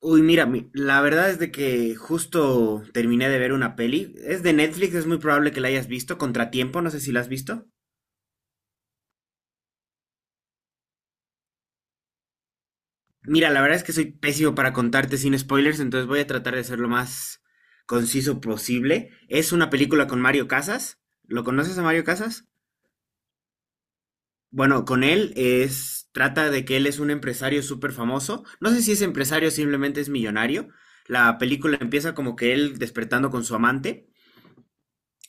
Uy, mira, la verdad es de que justo terminé de ver una peli. Es de Netflix, es muy probable que la hayas visto. Contratiempo, no sé si la has visto. Mira, la verdad es que soy pésimo para contarte sin spoilers, entonces voy a tratar de ser lo más conciso posible. Es una película con Mario Casas. ¿Lo conoces a Mario Casas? Bueno, con él es, trata de que él es un empresario súper famoso. No sé si es empresario o simplemente es millonario. La película empieza como que él despertando con su amante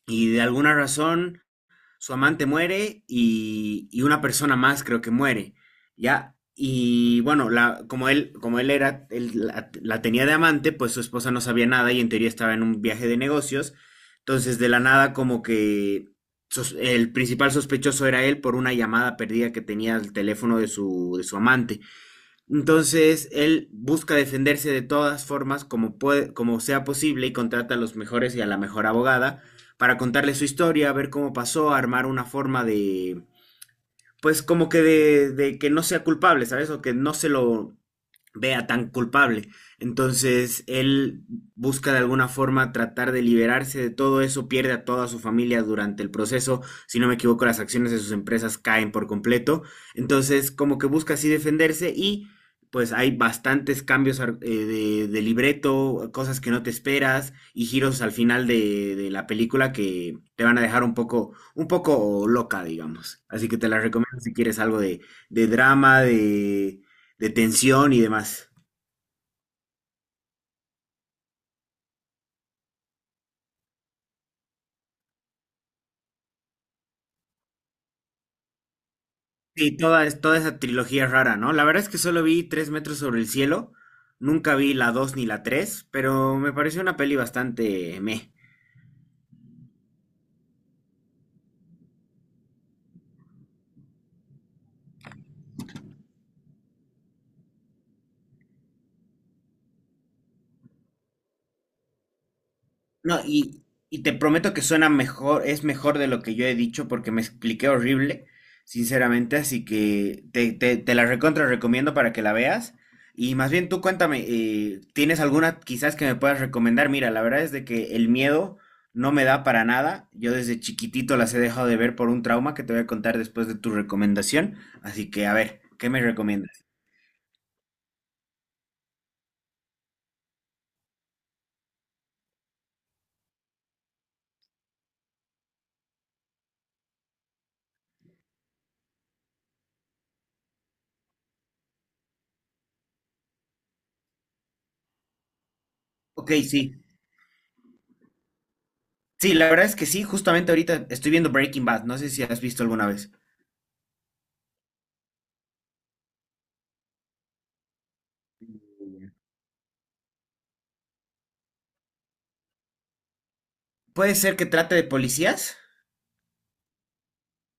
y de alguna razón su amante muere y una persona más creo que muere, ¿ya? Y bueno, la, como él era, él la, la tenía de amante, pues su esposa no sabía nada y en teoría estaba en un viaje de negocios. Entonces, de la nada, como que el principal sospechoso era él por una llamada perdida que tenía al teléfono de de su amante. Entonces, él busca defenderse de todas formas como puede, como sea posible y contrata a los mejores y a la mejor abogada para contarle su historia, ver cómo pasó, armar una forma de, pues como que de que no sea culpable, ¿sabes? O que no se lo vea tan culpable. Entonces, él busca de alguna forma tratar de liberarse de todo eso, pierde a toda su familia durante el proceso, si no me equivoco, las acciones de sus empresas caen por completo. Entonces, como que busca así defenderse y pues hay bastantes cambios de libreto, cosas que no te esperas y giros al final de la película que te van a dejar un poco loca, digamos. Así que te la recomiendo si quieres algo de drama, de tensión y demás. Sí, toda, toda esa trilogía rara, ¿no? La verdad es que solo vi Tres metros sobre el cielo. Nunca vi la 2 ni la tres, pero me pareció una peli bastante meh. No, y te prometo que suena mejor, es mejor de lo que yo he dicho porque me expliqué horrible, sinceramente, así que te la recontra recomiendo para que la veas. Y más bien tú cuéntame, ¿tienes alguna quizás que me puedas recomendar? Mira, la verdad es de que el miedo no me da para nada. Yo desde chiquitito las he dejado de ver por un trauma que te voy a contar después de tu recomendación. Así que a ver, ¿qué me recomiendas? Ok, sí. Sí, la verdad es que sí, justamente ahorita estoy viendo Breaking Bad. No sé si has visto alguna vez. Puede ser que trate de policías.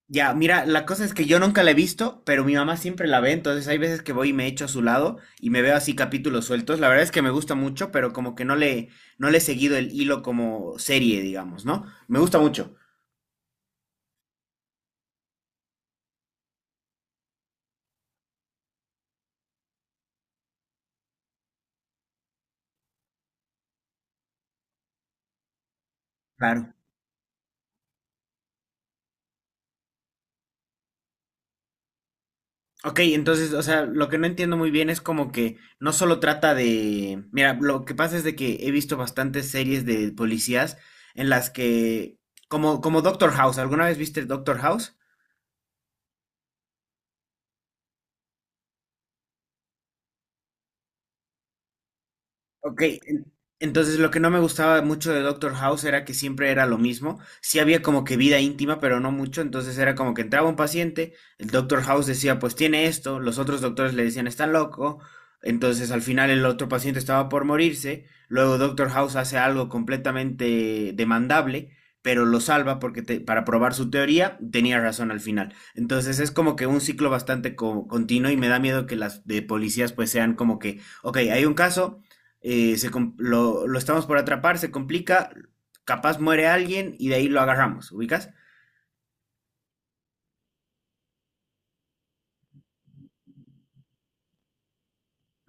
Ya, mira, la cosa es que yo nunca la he visto, pero mi mamá siempre la ve, entonces hay veces que voy y me echo a su lado y me veo así capítulos sueltos. La verdad es que me gusta mucho, pero como que no le he seguido el hilo como serie, digamos, ¿no? Me gusta mucho. Claro. Ok, entonces, o sea, lo que no entiendo muy bien es como que no solo trata de... Mira, lo que pasa es de que he visto bastantes series de policías en las que... Como, como Doctor House, ¿alguna vez viste Doctor House? Ok, entonces lo que no me gustaba mucho de Doctor House era que siempre era lo mismo. Sí había como que vida íntima, pero no mucho. Entonces era como que entraba un paciente, el Doctor House decía, pues tiene esto, los otros doctores le decían, está loco. Entonces al final el otro paciente estaba por morirse. Luego Doctor House hace algo completamente demandable, pero lo salva porque para probar su teoría tenía razón al final. Entonces es como que un ciclo bastante continuo y me da miedo que las de policías pues sean como que... Ok, hay un caso, se lo estamos por atrapar, se complica, capaz muere alguien y de ahí lo agarramos, ¿ubicas?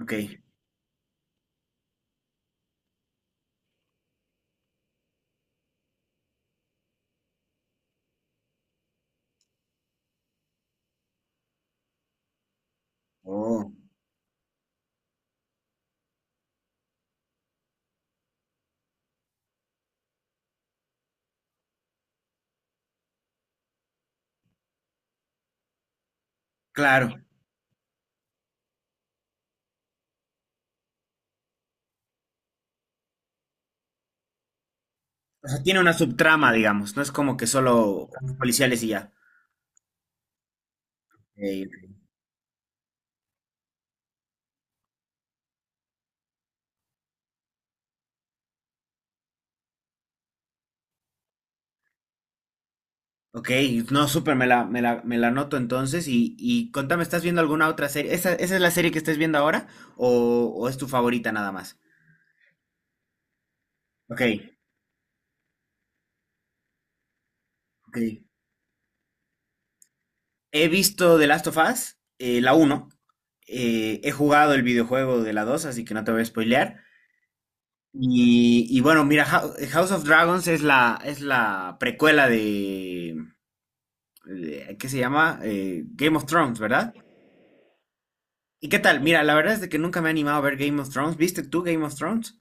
Ok. Oh, claro. O sea, tiene una subtrama, digamos, no es como que solo policiales y ya. Eh, ok, no, súper, me la noto entonces y contame, ¿estás viendo alguna otra serie? Esa es la serie que estés viendo ahora o es tu favorita nada más? Ok, ok. He visto The Last of Us, la uno, he jugado el videojuego de la dos, así que no te voy a spoilear. Y bueno, mira, House of Dragons es es la precuela de- ¿qué se llama? Game of Thrones, ¿verdad? ¿Y qué tal? Mira, la verdad es de que nunca me he animado a ver Game of Thrones. ¿Viste tú Game of Thrones?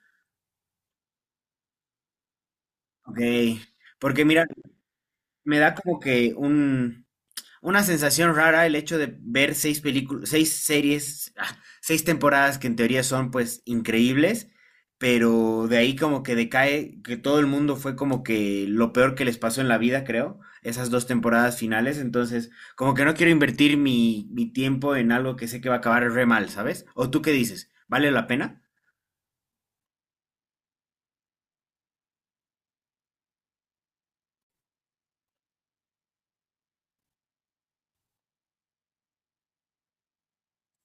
Ok, porque mira, me da como que un, una sensación rara el hecho de ver seis películas, seis series, ah, seis temporadas que en teoría son pues increíbles, pero de ahí como que decae, que todo el mundo fue como que lo peor que les pasó en la vida, creo, esas dos temporadas finales, entonces como que no quiero invertir mi tiempo en algo que sé que va a acabar re mal, ¿sabes? ¿O tú qué dices? ¿Vale la pena?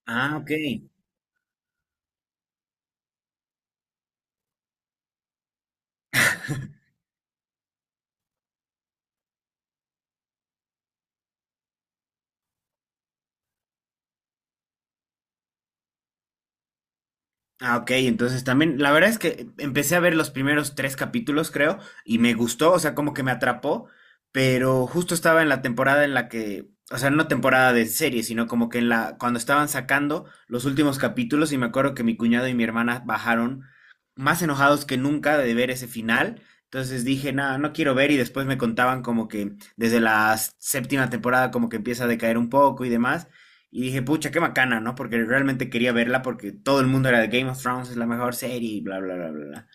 Ah, ok. Ah, ok, entonces también, la verdad es que empecé a ver los primeros tres capítulos, creo, y me gustó, o sea, como que me atrapó, pero justo estaba en la temporada en la que, o sea, no temporada de serie, sino como que en la, cuando estaban sacando los últimos capítulos, y me acuerdo que mi cuñado y mi hermana bajaron más enojados que nunca de ver ese final. Entonces dije, nada, no quiero ver, y después me contaban como que desde la séptima temporada como que empieza a decaer un poco y demás. Y dije, pucha, qué bacana, ¿no? Porque realmente quería verla porque todo el mundo era de Game of Thrones, es la mejor serie y bla, bla, bla, bla, bla.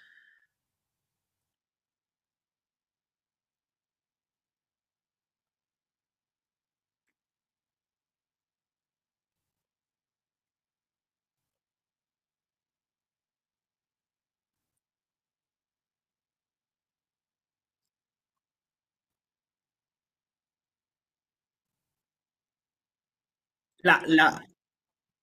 La, la,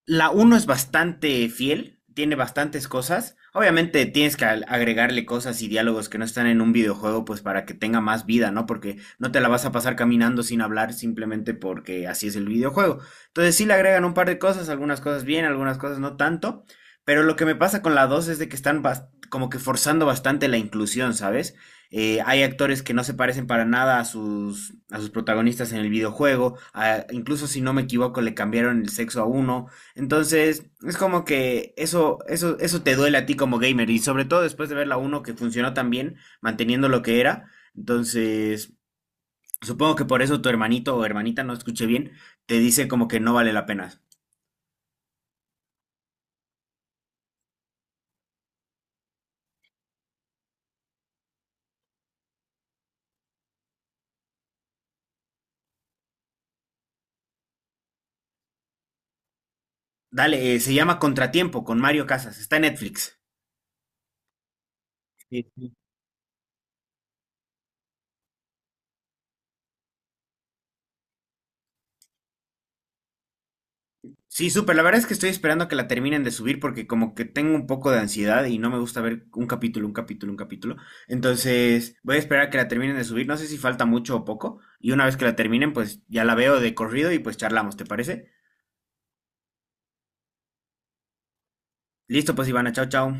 La uno es bastante fiel, tiene bastantes cosas. Obviamente tienes que agregarle cosas y diálogos que no están en un videojuego, pues para que tenga más vida, ¿no? Porque no te la vas a pasar caminando sin hablar simplemente porque así es el videojuego. Entonces sí le agregan un par de cosas, algunas cosas bien, algunas cosas no tanto. Pero lo que me pasa con la 2 es de que están como que forzando bastante la inclusión, ¿sabes? Hay actores que no se parecen para nada a a sus protagonistas en el videojuego. Ah, incluso si no me equivoco, le cambiaron el sexo a uno. Entonces, es como que eso te duele a ti como gamer. Y sobre todo después de ver la uno que funcionó tan bien, manteniendo lo que era. Entonces, supongo que por eso tu hermanito o hermanita, no escuché bien, te dice como que no vale la pena. Dale, se llama Contratiempo con Mario Casas. Está en Netflix. Sí. Sí, súper. La verdad es que estoy esperando que la terminen de subir porque como que tengo un poco de ansiedad y no me gusta ver un capítulo, un capítulo, un capítulo. Entonces voy a esperar a que la terminen de subir. No sé si falta mucho o poco. Y una vez que la terminen, pues ya la veo de corrido y pues charlamos, ¿te parece? Listo, pues Ivana, chao, chao.